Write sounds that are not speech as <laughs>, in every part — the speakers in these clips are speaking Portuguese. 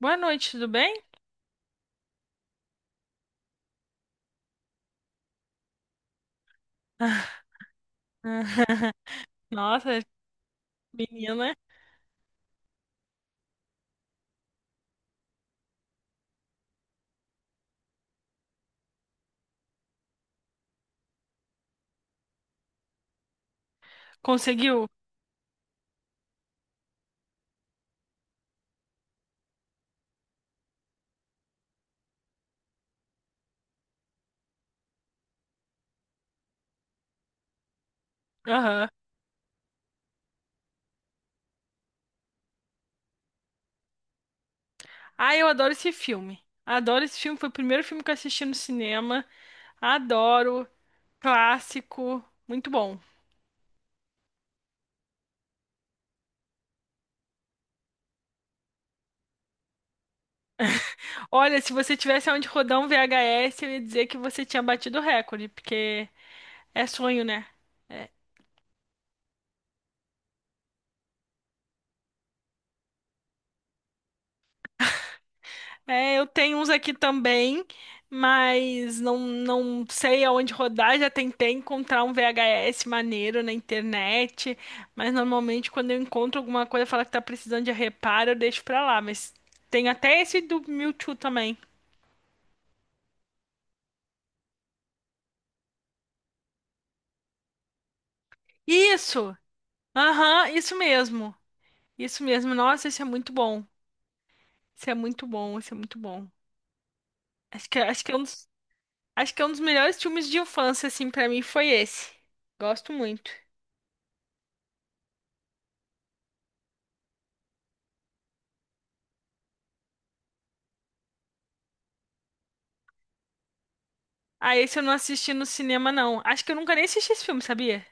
Boa noite, tudo bem? <laughs> Nossa, menina, conseguiu. Aham. Ah, eu adoro esse filme. Adoro esse filme, foi o primeiro filme que eu assisti no cinema. Adoro, clássico, muito bom. Olha, se você tivesse onde rodar um VHS, eu ia dizer que você tinha batido o recorde, porque é sonho, né? É, é, eu tenho uns aqui também, mas não sei aonde rodar. Já tentei encontrar um VHS maneiro na internet, mas normalmente quando eu encontro alguma coisa, fala que tá precisando de reparo, eu deixo pra lá. Mas tem até esse do Mewtwo também. Isso! Aham, isso mesmo. Isso mesmo. Nossa, isso é muito bom. Isso é muito bom, isso é muito bom. Acho que é um dos, acho que é um dos melhores filmes de infância, assim, pra mim foi esse. Gosto muito. Ah, esse eu não assisti no cinema, não. Acho que eu nunca nem assisti esse filme, sabia?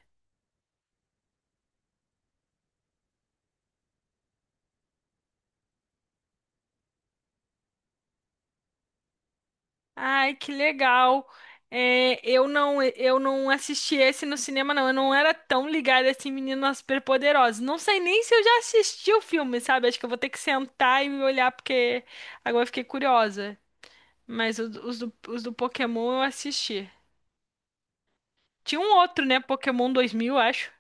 Ai, que legal. É, eu não assisti esse no cinema, não. Eu não era tão ligada assim, meninas superpoderosas. Não sei nem se eu já assisti o filme, sabe? Acho que eu vou ter que sentar e olhar, porque agora eu fiquei curiosa. Mas os do Pokémon eu assisti. Tinha um outro, né? Pokémon 2000, acho.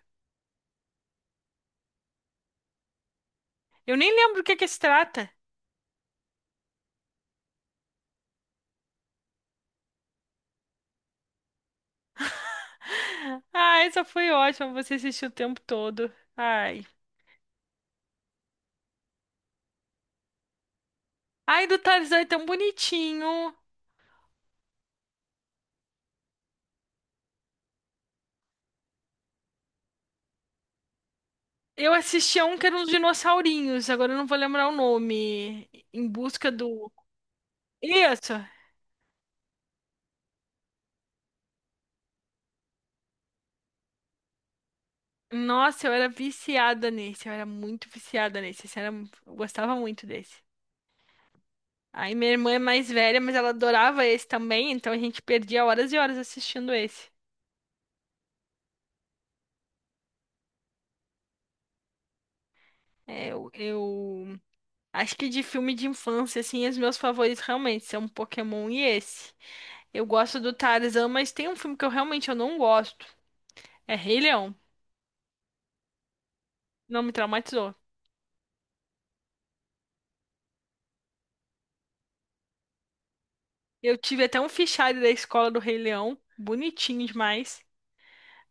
Eu nem lembro do que se trata. <laughs> Ah, essa foi ótima. Você assistiu o tempo todo. Ai. Ai, do Tarzan é tão bonitinho. Eu assistia um que era uns dinossaurinhos, agora eu não vou lembrar o nome. Em busca do. Isso! Nossa, eu era viciada nesse, eu era muito viciada nesse. Esse era, eu gostava muito desse. Aí minha irmã é mais velha, mas ela adorava esse também, então a gente perdia horas e horas assistindo esse. É, eu acho que de filme de infância, assim, os meus favoritos realmente são Pokémon e esse. Eu gosto do Tarzan, mas tem um filme que eu realmente eu não gosto. É Rei Leão. Não me traumatizou. Eu tive até um fichário da escola do Rei Leão, bonitinho demais.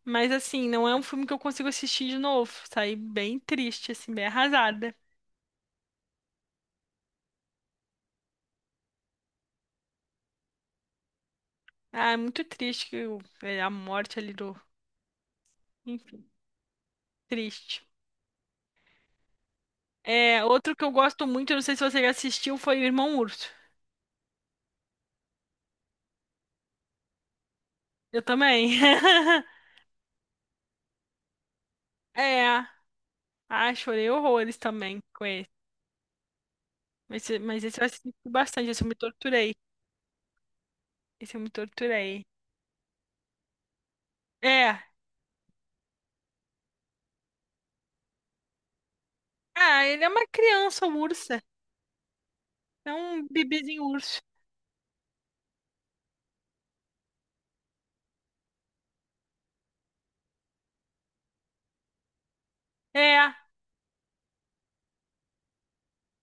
Mas assim, não é um filme que eu consigo assistir de novo. Saí bem triste, assim, bem arrasada. Ah, é muito triste que o, é, a morte ali do. Enfim, triste. É, outro que eu gosto muito, eu não sei se você já assistiu, foi o Irmão Urso. Eu também. <laughs> É. Ah, chorei horrores também com esse. Mas, esse, mas esse eu assisti bastante, esse eu me torturei. Esse eu me torturei. É. Ah, ele é uma criança, um urso. É um bebezinho urso. É,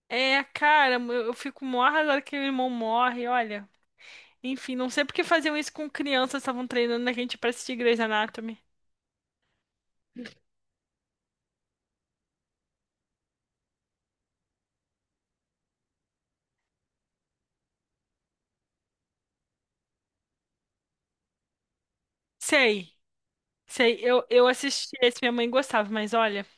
é, cara, eu fico mó arrasada que meu irmão morre, olha. Enfim, não sei por que faziam isso com crianças, estavam treinando a gente pra assistir Grey's Anatomy. Sei, sei, eu assisti esse, minha mãe gostava, mas olha. <laughs>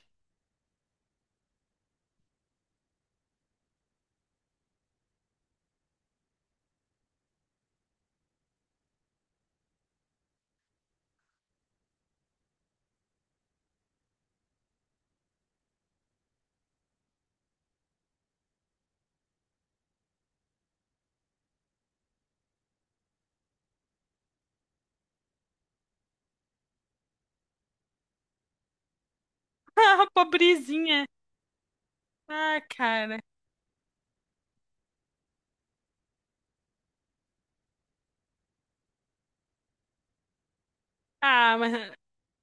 Ah, pobrezinha. Ah, cara. Ah, mas,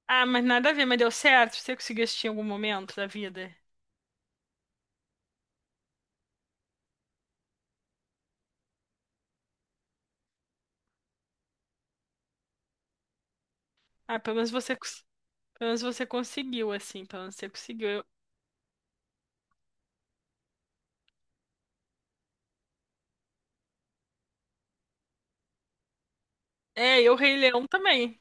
ah, mas nada a ver, mas deu certo? Você conseguiu assistir em algum momento da vida? Ah, pelo menos você, cons-, pelo menos você conseguiu, assim, pelo menos você conseguiu. Eu, é, eu Rei Leão também.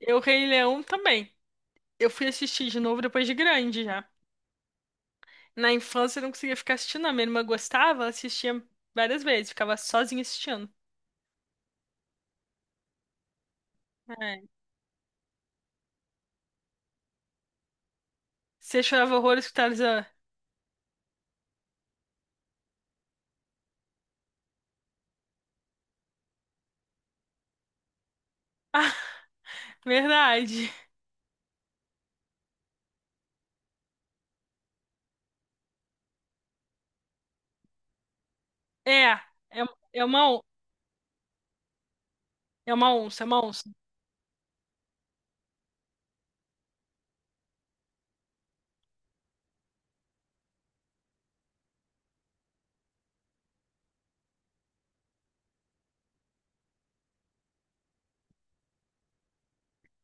Eu Rei Leão também. Eu fui assistir de novo depois de grande já. Na infância eu não conseguia ficar assistindo, a minha irmã gostava, ela assistia várias vezes, ficava sozinha assistindo. É. Você chorava horrores com Tarzan. Ah, <laughs> verdade. É, é, é uma, on-, é uma onça, é uma onça.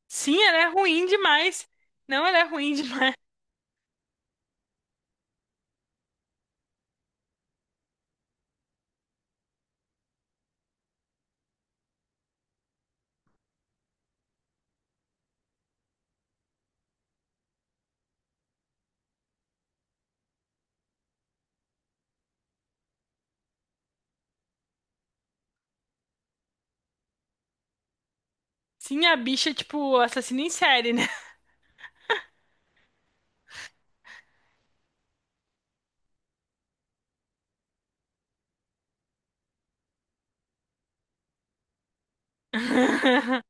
Sim, ela é ruim demais. Não, ela é ruim demais. Sim, a bicha é tipo assassina em série, né? <laughs>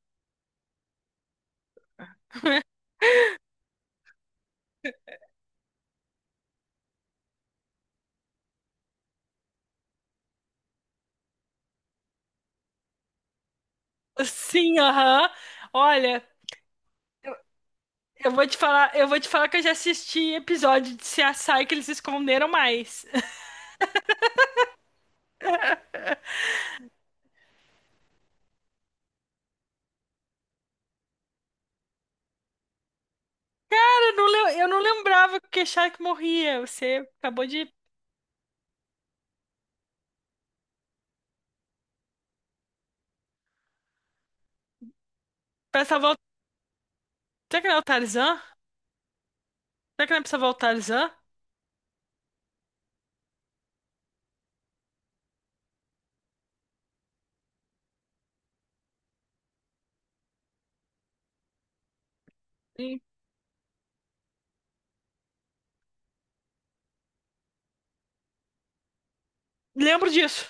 Sim, aham. Olha, eu vou te falar que eu já assisti episódio de CSI que eles esconderam mais. Eu não, le-, eu não lembrava que Shaq morria. Você acabou de. Pra salvar. O, será que não é o Tarzan? Será que não é pra salvar o Tarzan? Hum, Lembro disso.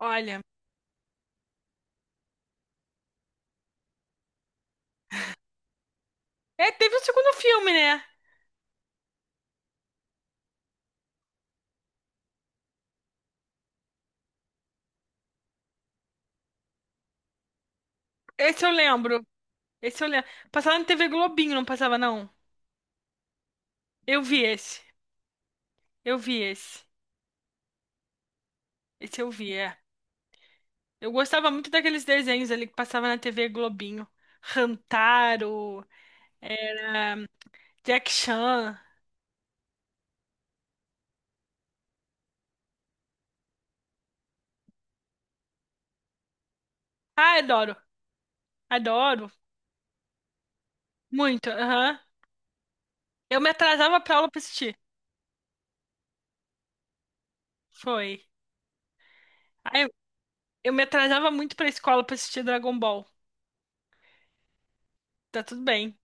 Olha. É, teve o segundo filme, né? Esse eu lembro. Esse eu lembro. Passava na TV Globinho, não passava, não. Eu vi esse. Eu vi esse. Esse eu vi, é. Eu gostava muito daqueles desenhos ali que passava na TV Globinho. Rantaro, Jack Chan. Ah, adoro. Adoro. Muito. Aham. Eu me atrasava pra aula pra assistir. Foi. Ai, eu me atrasava muito pra escola pra assistir Dragon Ball. Tá tudo bem.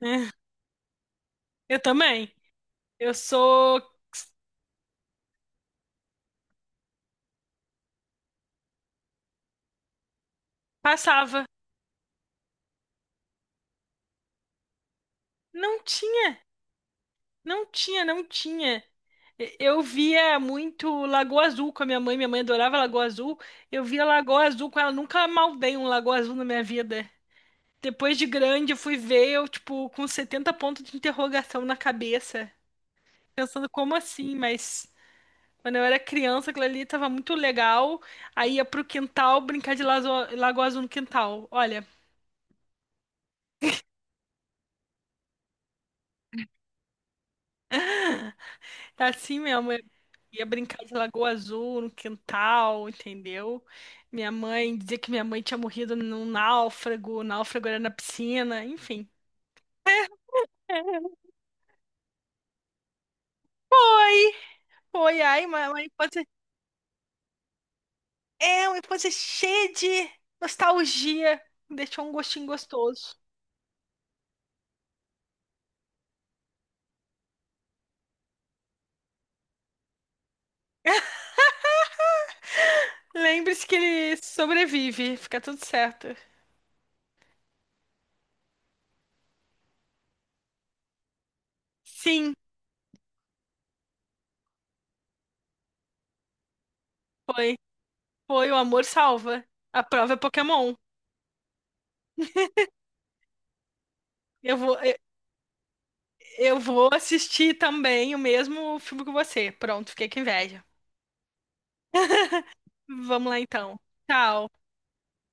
<laughs> Eu também. Eu sou. Passava. Não tinha, não tinha. E, eu via muito Lagoa Azul com a minha mãe. Minha mãe adorava Lagoa Azul. Eu via Lagoa Azul com ela. Nunca maldei um Lagoa Azul na minha vida. Depois de grande, eu fui ver, eu, tipo, com 70 pontos de interrogação na cabeça. Pensando, como assim? Mas quando eu era criança, aquilo ali tava muito legal. Aí ia pro quintal brincar de lazo-, Lagoa Azul no quintal. Olha, tá assim mesmo. Eu ia brincar de Lagoa Azul no quintal, entendeu? Minha mãe dizia que minha mãe tinha morrido num náufrago. O náufrago era na piscina, enfim. Foi! Foi, ai, uma infância. É, uma infância cheia de nostalgia. Deixou um gostinho gostoso. Lembre-se que ele sobrevive, fica tudo certo. Sim, foi. Foi o amor salva. A prova é Pokémon. Eu vou, eu, eu vou assistir também o mesmo filme que você. Pronto, fiquei com inveja. Vamos lá então. Tchau.